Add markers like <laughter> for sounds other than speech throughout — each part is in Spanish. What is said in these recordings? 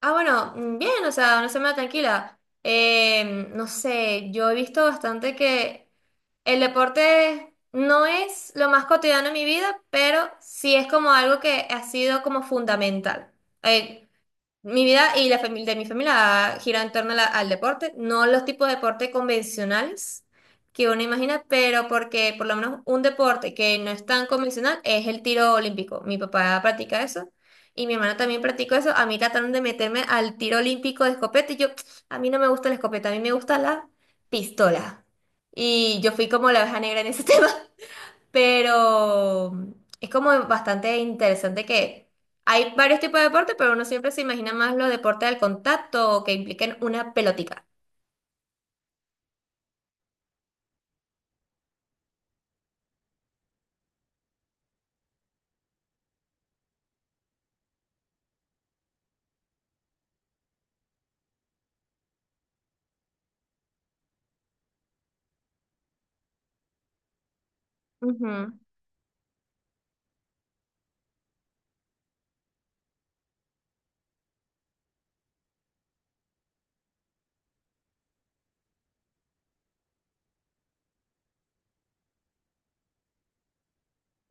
Ah, bueno, bien, o sea, una semana tranquila. No sé, yo he visto bastante que el deporte no es lo más cotidiano en mi vida, pero sí es como algo que ha sido como fundamental. Eh, Mi vida y la familia de mi familia gira en torno a al deporte, no los tipos de deporte convencionales que uno imagina, pero porque por lo menos un deporte que no es tan convencional es el tiro olímpico. Mi papá practica eso y mi hermana también practicó eso. A mí trataron de meterme al tiro olímpico de escopeta y yo, a mí no me gusta la escopeta, a mí me gusta la pistola. Y yo fui como la oveja negra en ese <laughs> tema. Pero es como bastante interesante que hay varios tipos de deporte, pero uno siempre se imagina más los deportes del contacto o que impliquen una pelotica.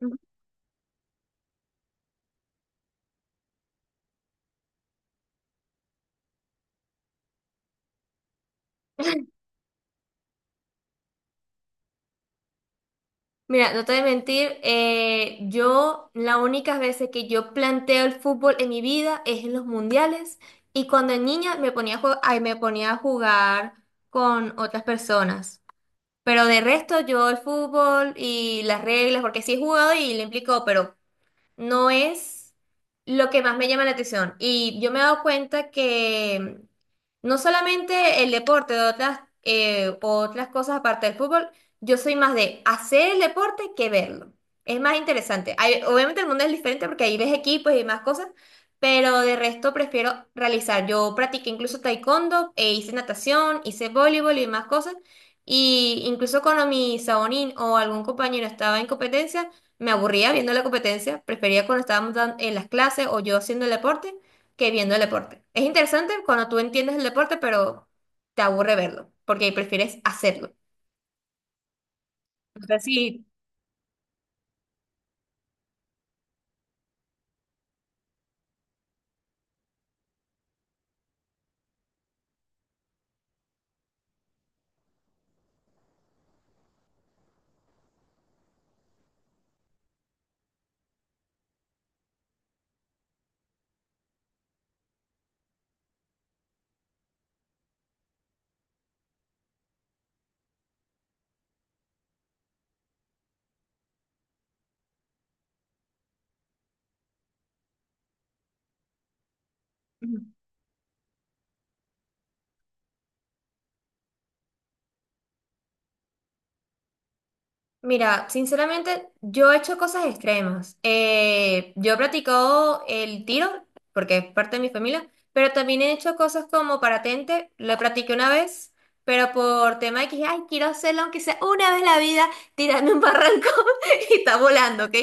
Ujú. <laughs> Mira, no te voy a mentir, yo las únicas veces que yo planteo el fútbol en mi vida es en los mundiales y cuando era niña me ponía a ay, me ponía a jugar con otras personas. Pero de resto yo el fútbol y las reglas, porque sí he jugado y lo implicó, pero no es lo que más me llama la atención. Y yo me he dado cuenta que no solamente el deporte, de otras, otras cosas aparte del fútbol, yo soy más de hacer el deporte que verlo. Es más interesante. Hay- obviamente el mundo es diferente porque ahí ves equipos y más cosas, pero de resto prefiero realizar. Yo practiqué incluso taekwondo, e hice natación, hice voleibol y más cosas. Y incluso cuando mi sabonín o algún compañero estaba en competencia, me aburría viendo la competencia, prefería cuando estábamos en las clases o yo haciendo el deporte que viendo el deporte. Es interesante cuando tú entiendes el deporte, pero te aburre verlo, porque prefieres hacerlo. No sé si. Mira, sinceramente, yo he hecho cosas extremas. Yo he practicado el tiro, porque es parte de mi familia, pero también he hecho cosas como paratente. Lo practiqué una vez, pero por tema de que dije, ay, quiero hacerlo aunque sea una vez en la vida, tirarme un barranco <laughs> y está volando, ¿ok?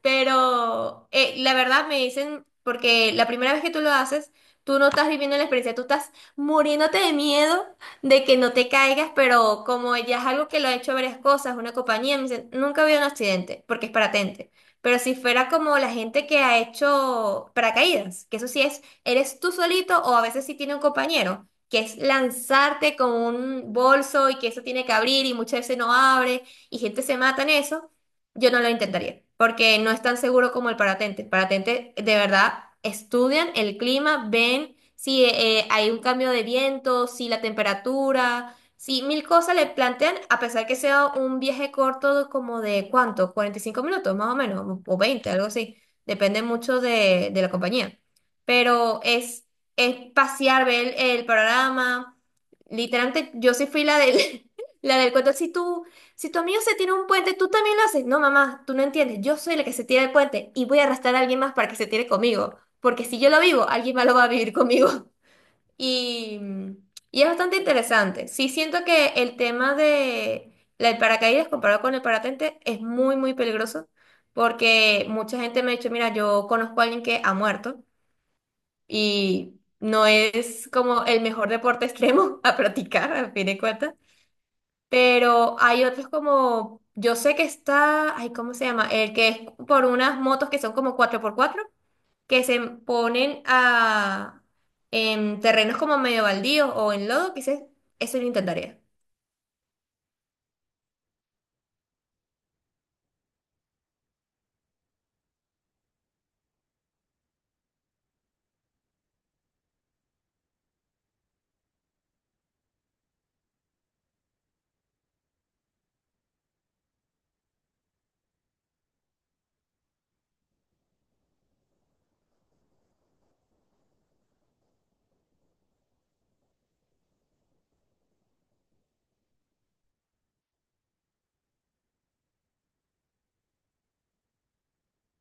Pero la verdad me dicen, porque la primera vez que tú lo haces, tú no estás viviendo la experiencia, tú estás muriéndote de miedo de que no te caigas, pero como ya es algo que lo ha hecho varias cosas, una compañía, me dicen, nunca había un accidente, porque es paratente. Pero si fuera como la gente que ha hecho paracaídas, que eso sí es, eres tú solito o a veces sí tiene un compañero, que es lanzarte con un bolso y que eso tiene que abrir y muchas veces no abre y gente se mata en eso. Yo no lo intentaría, porque no es tan seguro como el paratente. El paratente, de verdad, estudian el clima, ven si hay un cambio de viento, si la temperatura, si mil cosas le plantean, a pesar que sea un viaje corto como de ¿cuánto? 45 minutos más o menos, o 20, algo así. Depende mucho de la compañía. Pero es pasear, ver el panorama. Literalmente, yo sí fui la del, <laughs> la del cuento. Si tú si tu amigo se tira un puente, tú también lo haces. No, mamá, tú no entiendes. Yo soy la que se tira el puente y voy a arrastrar a alguien más para que se tire conmigo. Porque si yo lo vivo, alguien más lo va a vivir conmigo. <laughs> Y, y es bastante interesante. Sí, siento que el tema de el paracaídas comparado con el parapente es muy, muy peligroso. Porque mucha gente me ha dicho, mira, yo conozco a alguien que ha muerto y no es como el mejor deporte extremo <laughs> a practicar, a fin de cuentas. Pero hay otros como, yo sé que está, ay, ¿cómo se llama? El que es por unas motos que son como 4x4 que se ponen a, en terrenos como medio baldíos o en lodo, quizás eso lo intentaría.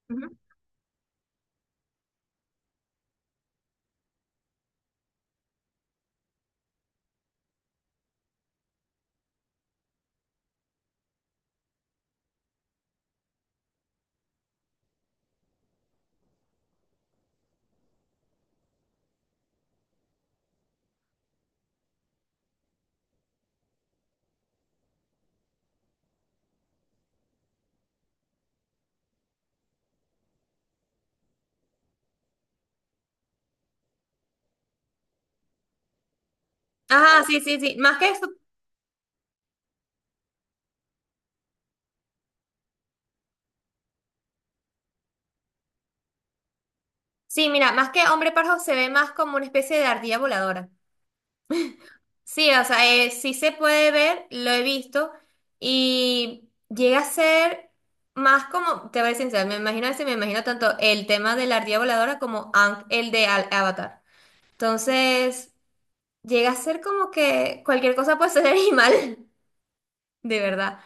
Ujú. Ajá, sí, sí, sí. Más que eso, sí, mira, más que hombre parjo se ve más como una especie de ardilla voladora. Sí, o sea, sí se puede ver, lo he visto, y llega a ser más como, te voy a ser sincera, me imagino ese, me imagino tanto el tema de la ardilla voladora como Aang, el de Avatar. Entonces, llega a ser como que cualquier cosa puede ser animal, <laughs> de verdad.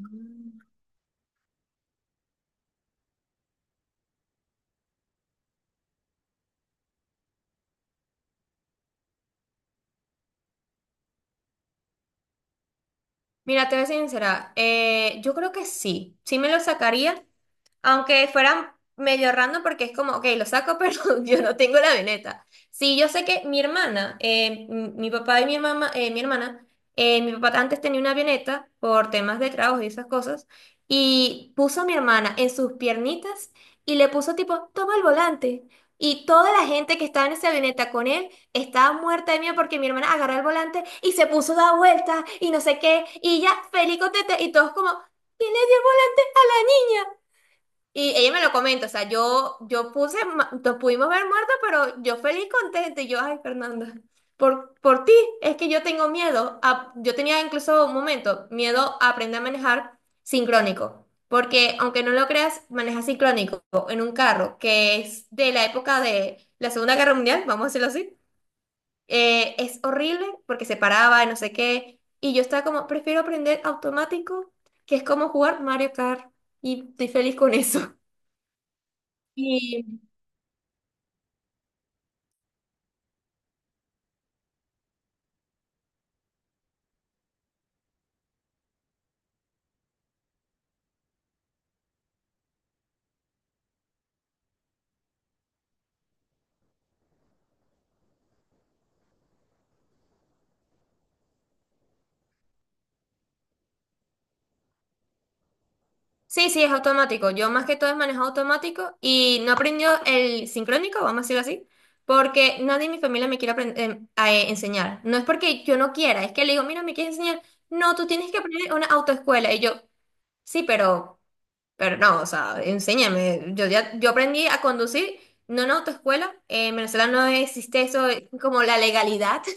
Mm. Mira, te voy a ser sincera, yo creo que sí, sí me lo sacaría, aunque fueran medio random porque es como, ok, lo saco, <laughs> pero yo no tengo la veneta. Sí, yo sé que mi hermana, mi papá y mi mamá, mi hermana, mi papá antes tenía una avioneta por temas de trabajo y esas cosas, y puso a mi hermana en sus piernitas y le puso tipo, toma el volante. Y toda la gente que estaba en esa avioneta con él estaba muerta de miedo porque mi hermana agarró el volante y se puso a dar vueltas y no sé qué, y ya feliz contenta, y todos como, ¿quién le dio el volante? Y ella me lo comenta, o sea, yo puse, nos pudimos ver muertos, pero yo feliz, contenta, y yo, ay, Fernanda, por ti, es que yo tengo miedo, a- yo tenía incluso un momento, miedo a aprender a manejar sincrónico, porque aunque no lo creas, manejar sincrónico en un carro que es de la época de la Segunda Guerra Mundial, vamos a decirlo así, es horrible porque se paraba y no sé qué, y yo estaba como, prefiero aprender automático, que es como jugar Mario Kart, y estoy feliz con eso. Y sí, sí, es automático. Yo más que todo es manejo automático y no aprendió el sincrónico, vamos a decirlo así, porque nadie en mi familia me quiere enseñar. No es porque yo no quiera, es que le digo, mira, me quieres enseñar. No, tú tienes que aprender en una autoescuela. Y yo, sí, pero no, o sea, enséñame. Yo ya, yo aprendí a conducir, no en autoescuela. En Venezuela no existe eso como la legalidad. <laughs>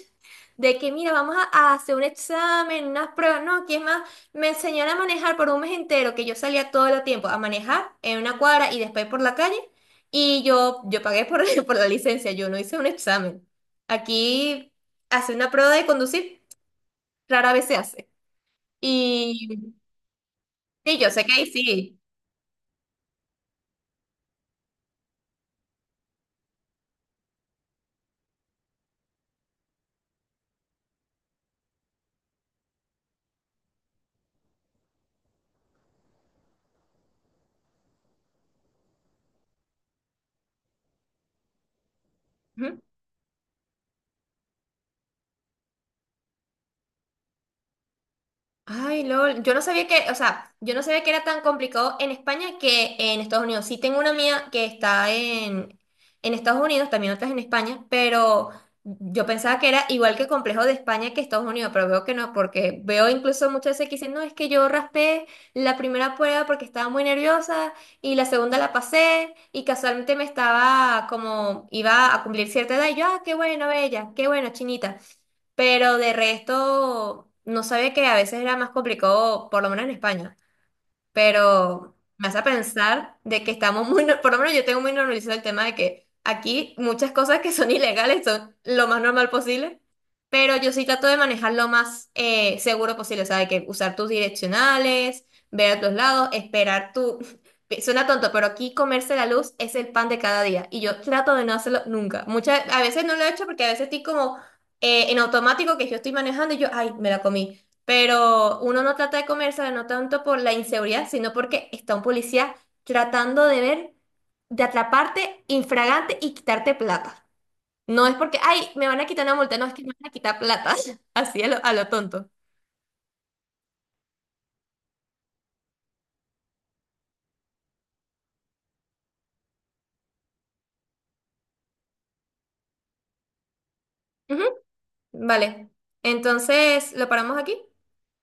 De que, mira, vamos a hacer un examen, unas pruebas, no, ¿quién más? Me enseñaron a manejar por un mes entero, que yo salía todo el tiempo a manejar en una cuadra y después por la calle, y yo pagué por, <laughs> por, la licencia, yo no hice un examen. Aquí hace una prueba de conducir rara vez se hace. Y sí, yo sé que ahí sí. Ujú. Ay, LOL, yo no sabía que, o sea, yo no sabía que era tan complicado en España que en Estados Unidos. Sí tengo una amiga que está en Estados Unidos, también otra es en España, pero yo pensaba que era igual que complejo de España que Estados Unidos, pero veo que no, porque veo incluso muchas veces que dicen, no, es que yo raspé la primera prueba porque estaba muy nerviosa y la segunda la pasé y casualmente me estaba como, iba a cumplir cierta edad y yo, ah, qué bueno, bella, qué bueno, chinita. Pero de resto, no sabía que a veces era más complicado, por lo menos en España, pero me hace pensar de que estamos muy, por lo menos yo tengo muy normalizado el tema de que aquí muchas cosas que son <laughs> ilegales son lo más normal posible, pero yo sí trato de manejar lo más seguro posible, o sea, de que usar tus direccionales, ver a tus lados, esperar tu. <laughs> Suena tonto, pero aquí comerse la luz es el pan de cada día y yo trato de no hacerlo nunca. Muchas, a veces no lo he hecho porque a veces estoy como en automático que yo estoy manejando y yo, ay, me la comí. Pero uno no trata de comérsela no tanto por la inseguridad, sino porque está un policía tratando de ver, de atraparte infragante y quitarte plata. No es porque, ay, me van a quitar una multa, no, es que me van a quitar plata. <laughs> Así a lo tonto. Ujú, vale. Entonces, ¿lo paramos aquí?